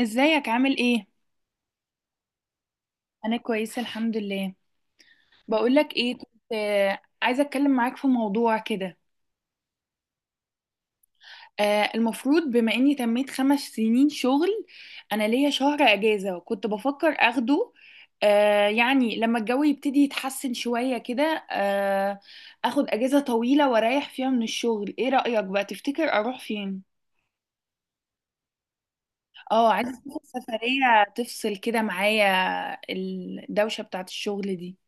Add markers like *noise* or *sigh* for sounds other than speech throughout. ازيك عامل ايه؟ انا كويسه الحمد لله. بقولك ايه، كنت عايزه اتكلم معاك في موضوع كده. المفروض بما اني تميت 5 سنين شغل. انا ليا شهر اجازه وكنت بفكر اخده. يعني لما الجو يبتدي يتحسن شويه كده، آه، اخد اجازه طويله واريح فيها من الشغل. ايه رايك بقى، تفتكر اروح فين؟ اه، عايزه اسافر. سفريه تفصل كده معايا الدوشه بتاعت الشغل دي.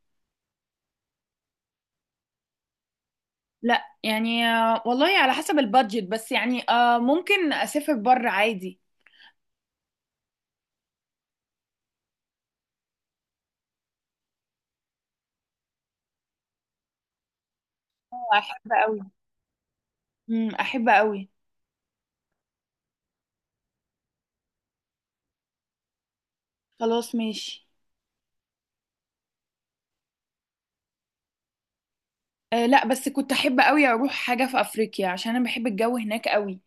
لا يعني، والله على حسب البادجت، بس يعني ممكن اسافر بره عادي. احب قوي. احب قوي. خلاص ماشي. لا، بس كنت احب قوي اروح حاجه في افريقيا عشان انا بحب الجو هناك قوي.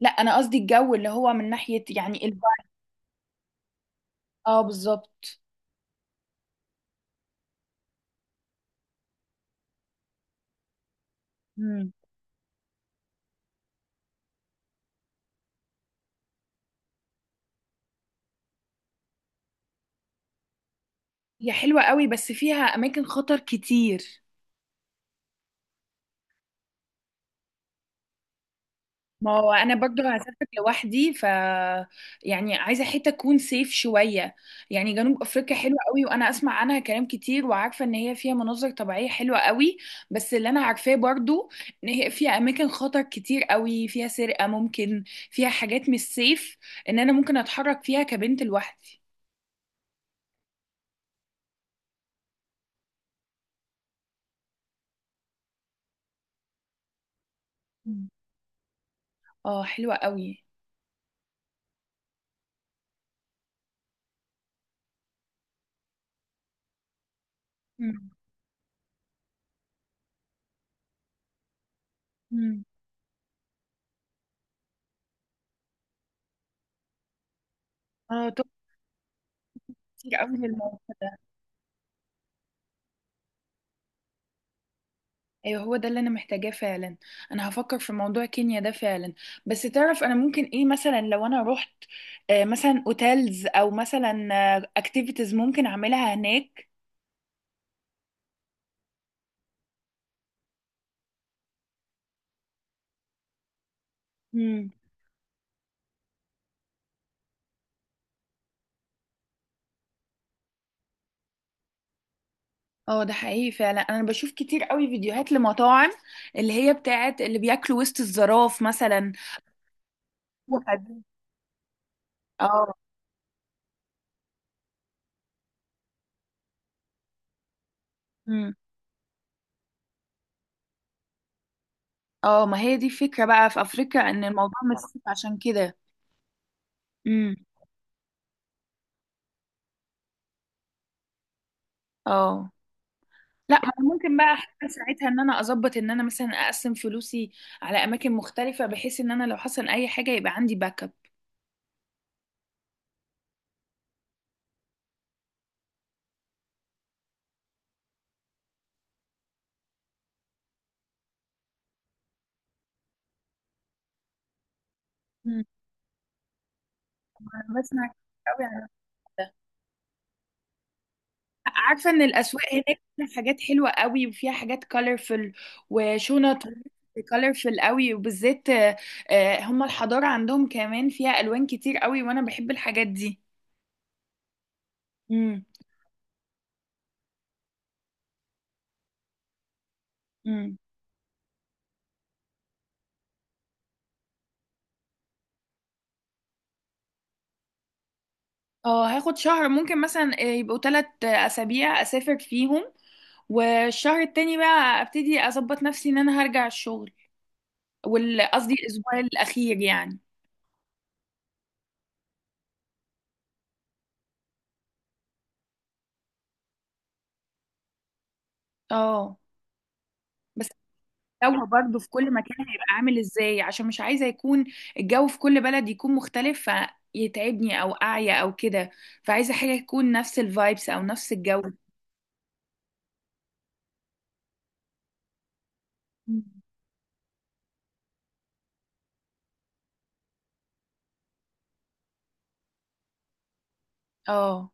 لا، انا قصدي الجو اللي هو من ناحيه يعني الب... اه، بالظبط. امم. هي حلوه قوي بس فيها اماكن خطر كتير. ما هو انا برضو هسافر لوحدي ف، يعني عايزه حته تكون سيف شويه. يعني جنوب افريقيا حلوه قوي، وانا اسمع عنها كلام كتير، وعارفه ان هي فيها مناظر طبيعيه حلوه قوي. بس اللي انا عارفاه برضو، ان هي فيها اماكن خطر كتير قوي، فيها سرقه ممكن، فيها حاجات مش سيف ان انا ممكن اتحرك فيها كبنت لوحدي. مم. اه، حلوه قوي. مم. مم. اه، تحفة. كتير قوي في الموضوع. ايوه، هو ده اللي انا محتاجاه فعلا. انا هفكر في موضوع كينيا ده فعلا. بس تعرف، انا ممكن ايه مثلا لو انا رحت، مثلا اوتيلز، او مثلا اكتيفيتيز ممكن اعملها هناك؟ امم. اه، ده حقيقي فعلا، انا بشوف كتير قوي فيديوهات لمطاعم اللي هي بتاعت اللي بياكلوا وسط الزراف مثلا. وحد-. اه. امم. اه، ما هي دي الفكرة بقى في افريقيا ان الموضوع متسف عشان كده. امم. اه. لا، ما انا ممكن بقى أحاول ساعتها ان انا اظبط ان انا مثلا اقسم فلوسي على اماكن مختلفه، بحيث ان انا لو حصل اي حاجه يبقى عندي باك اب. مم. انا بسمع كتير قوي عن ده. عارفه ان الاسواق هناك فيها حاجات حلوه قوي، وفيها حاجات كولرفل وشنط كولرفل قوي، وبالذات هم الحضاره عندهم كمان فيها الوان كتير قوي، وانا بحب الحاجات دي. امم. اه، هاخد شهر ممكن مثلا يبقوا 3 اسابيع اسافر فيهم. والشهر التاني بقى ابتدي اظبط نفسي ان انا هرجع الشغل، قصدي الاسبوع الاخير يعني. اه، بس الجو برضه في كل مكان هيبقى عامل ازاي؟ عشان مش عايزه يكون الجو في كل بلد يكون مختلف، فيتعبني او اعيا او كده. فعايزه حاجه تكون نفس الفايبس او نفس الجو. مم. اه،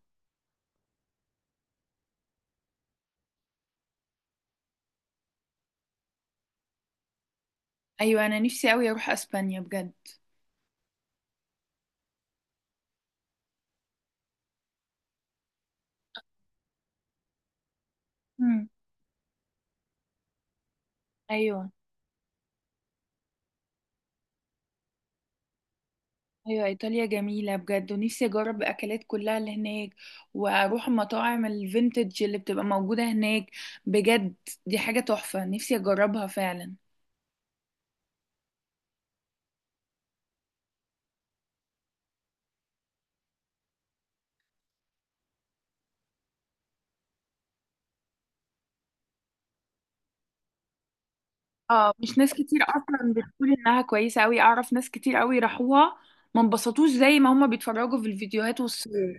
ايوه انا نفسي قوي اروح اسبانيا بجد. مم. ايوه، ايوه، ايطاليا جميله بجد، ونفسي اجرب الاكلات كلها اللي هناك، واروح المطاعم الفينتج اللي بتبقى موجوده هناك بجد. دي حاجه تحفه نفسي اجربها فعلا. اه، مش ناس كتير اصلا بتقول انها كويسه قوي، اعرف ناس كتير قوي راحوها، ما انبسطوش زي ما هما بيتفرجوا في الفيديوهات والصور.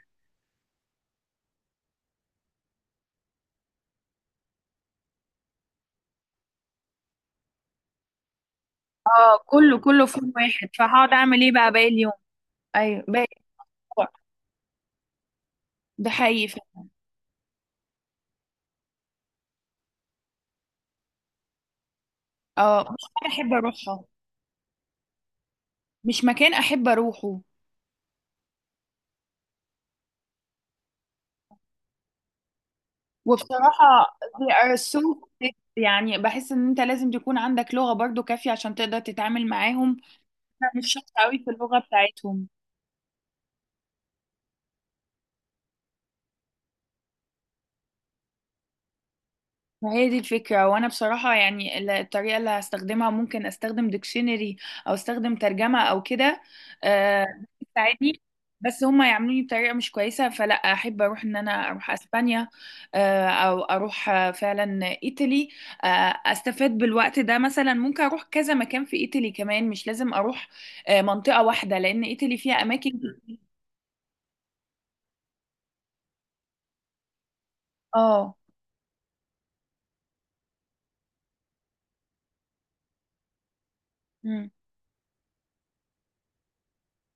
اه، كله كله في يوم واحد، فهقعد اعمل ايه بقى باقي اليوم؟ ايوه، باقي الأسبوع. ده حقيقي فعلاً. اه، مش حاجة احب اروحها. مش مكان احب اروحه. وبصراحة they are so thick. يعني بحس ان انت لازم تكون عندك لغة برضو كافية عشان تقدر تتعامل معاهم. انا مش شاطرة قوي في اللغة بتاعتهم. ما هي دي الفكرة، وانا بصراحة يعني الطريقة اللي هستخدمها، ممكن استخدم ديكشنري او استخدم ترجمة او كده، آه، تساعدني. بس هما يعملوني بطريقة مش كويسة، فلا احب اروح ان انا اروح اسبانيا، او اروح فعلا ايطالي. آه، استفاد بالوقت ده، مثلا ممكن اروح كذا مكان في ايطالي كمان، مش لازم اروح منطقة واحدة، لان ايطالي فيها اماكن. اه. مم.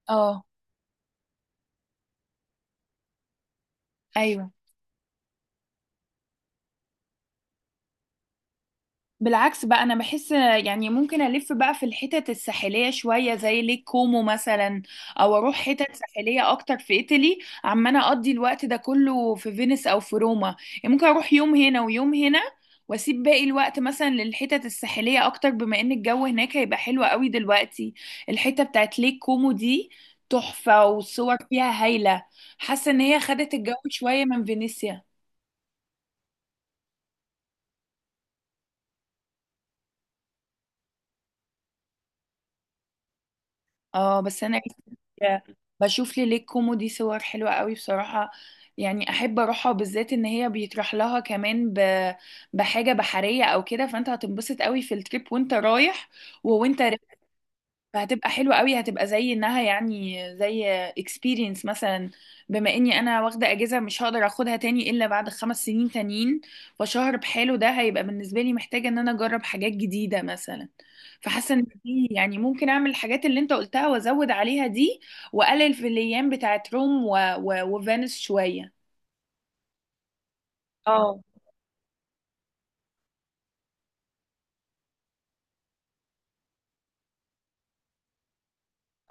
اه، ايوه، بالعكس بقى انا بحس يعني ممكن الف بقى في الحتت الساحليه شويه زي ليك كومو مثلا، او اروح حتت ساحليه اكتر في ايطالي. عمال اقضي الوقت ده كله في فينيس او في روما. يعني ممكن اروح يوم هنا ويوم هنا، واسيب باقي الوقت مثلا للحتت الساحليه اكتر بما ان الجو هناك هيبقى حلو قوي دلوقتي. الحته بتاعت ليك كومو دي تحفه، والصور فيها هايله. حاسه ان هي خدت الجو شويه من فينيسيا. اه، بس انا *laughs* بشوف لي ليك كوميدي صور حلوة قوي بصراحة. يعني احب اروحها، بالذات ان هي بيطرح لها كمان ب... بحاجة بحرية او كده، فانت هتنبسط قوي في التريب وانت رايح. ووانت فهتبقى حلوة قوي، هتبقى زي انها يعني زي experience مثلا. بما اني انا واخدة اجازة مش هقدر اخدها تاني الا بعد 5 سنين تانيين، فشهر بحاله ده هيبقى بالنسبة لي، محتاجة ان انا اجرب حاجات جديدة مثلا. فحاسة ان دي يعني، ممكن اعمل الحاجات اللي انت قلتها وازود عليها دي، واقلل في الايام بتاعت روم وفينس شوية. اه،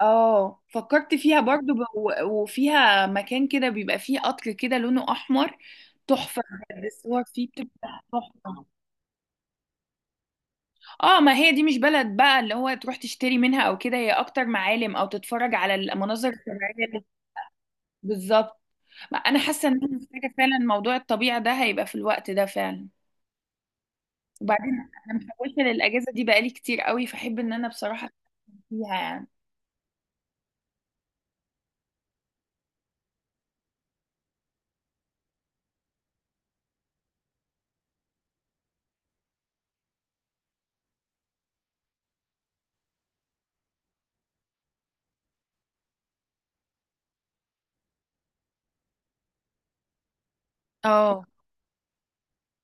اه، فكرت فيها برضو وفيها مكان كده بيبقى فيه قطر كده لونه احمر. تحفة. بجد الصور فيه بتبقى تحفة. اه، ما هي دي مش بلد بقى اللي هو تروح تشتري منها او كده، هي اكتر معالم او تتفرج على المناظر الطبيعية اللي-. بالظبط. ما انا حاسة ان انا محتاجة فعلا، موضوع الطبيعة ده هيبقى في الوقت ده فعلا. وبعدين انا محوشة للاجازة دي بقالي كتير قوي، فاحب ان انا بصراحة أكون فيها يعني. اه،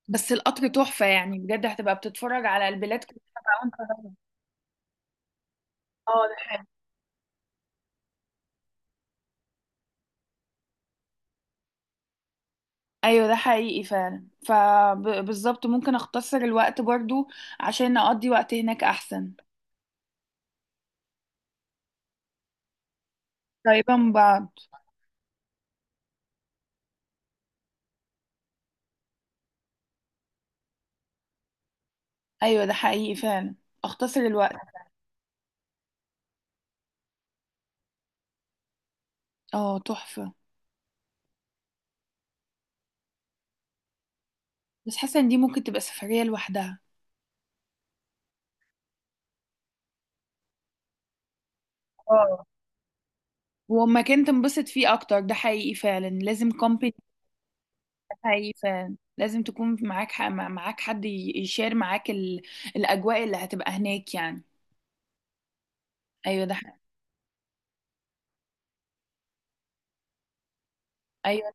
بس القطر تحفة يعني، بجد هتبقى بتتفرج على البلاد كلها بقى وانت. اه، ده حقيقي. ايوه، ده حقيقي فعلا، فبالظبط ممكن اختصر الوقت برضو عشان اقضي وقت هناك احسن. قريبة من بعض. ايوه، ده حقيقي فعلا، اختصر الوقت. اه، تحفة. بس حاسة ان دي ممكن تبقى سفرية لوحدها. اه، ومكان تنبسط فيه اكتر، ده حقيقي فعلا لازم كومباني. ده حقيقي فعلا، لازم تكون معاك معاك حد يشير معاك ال... الاجواء اللي هتبقى هناك يعني. ايوه، ده حقيقي. ايوه،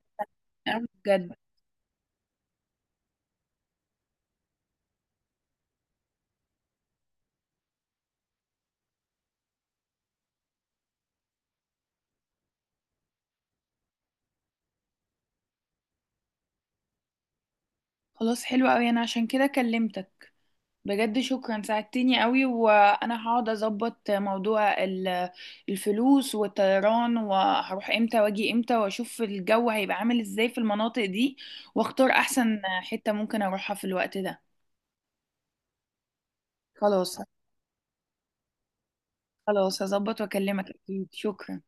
أنا بجد. خلاص، حلو قوي، انا عشان كده كلمتك. بجد شكرا ساعدتني قوي، وانا هقعد اظبط موضوع الفلوس والطيران، وهروح امتى واجي امتى، واشوف الجو هيبقى عامل ازاي في المناطق دي، واختار احسن حتة ممكن اروحها في الوقت ده. خلاص. خلاص، هظبط واكلمك اكيد. شكرا.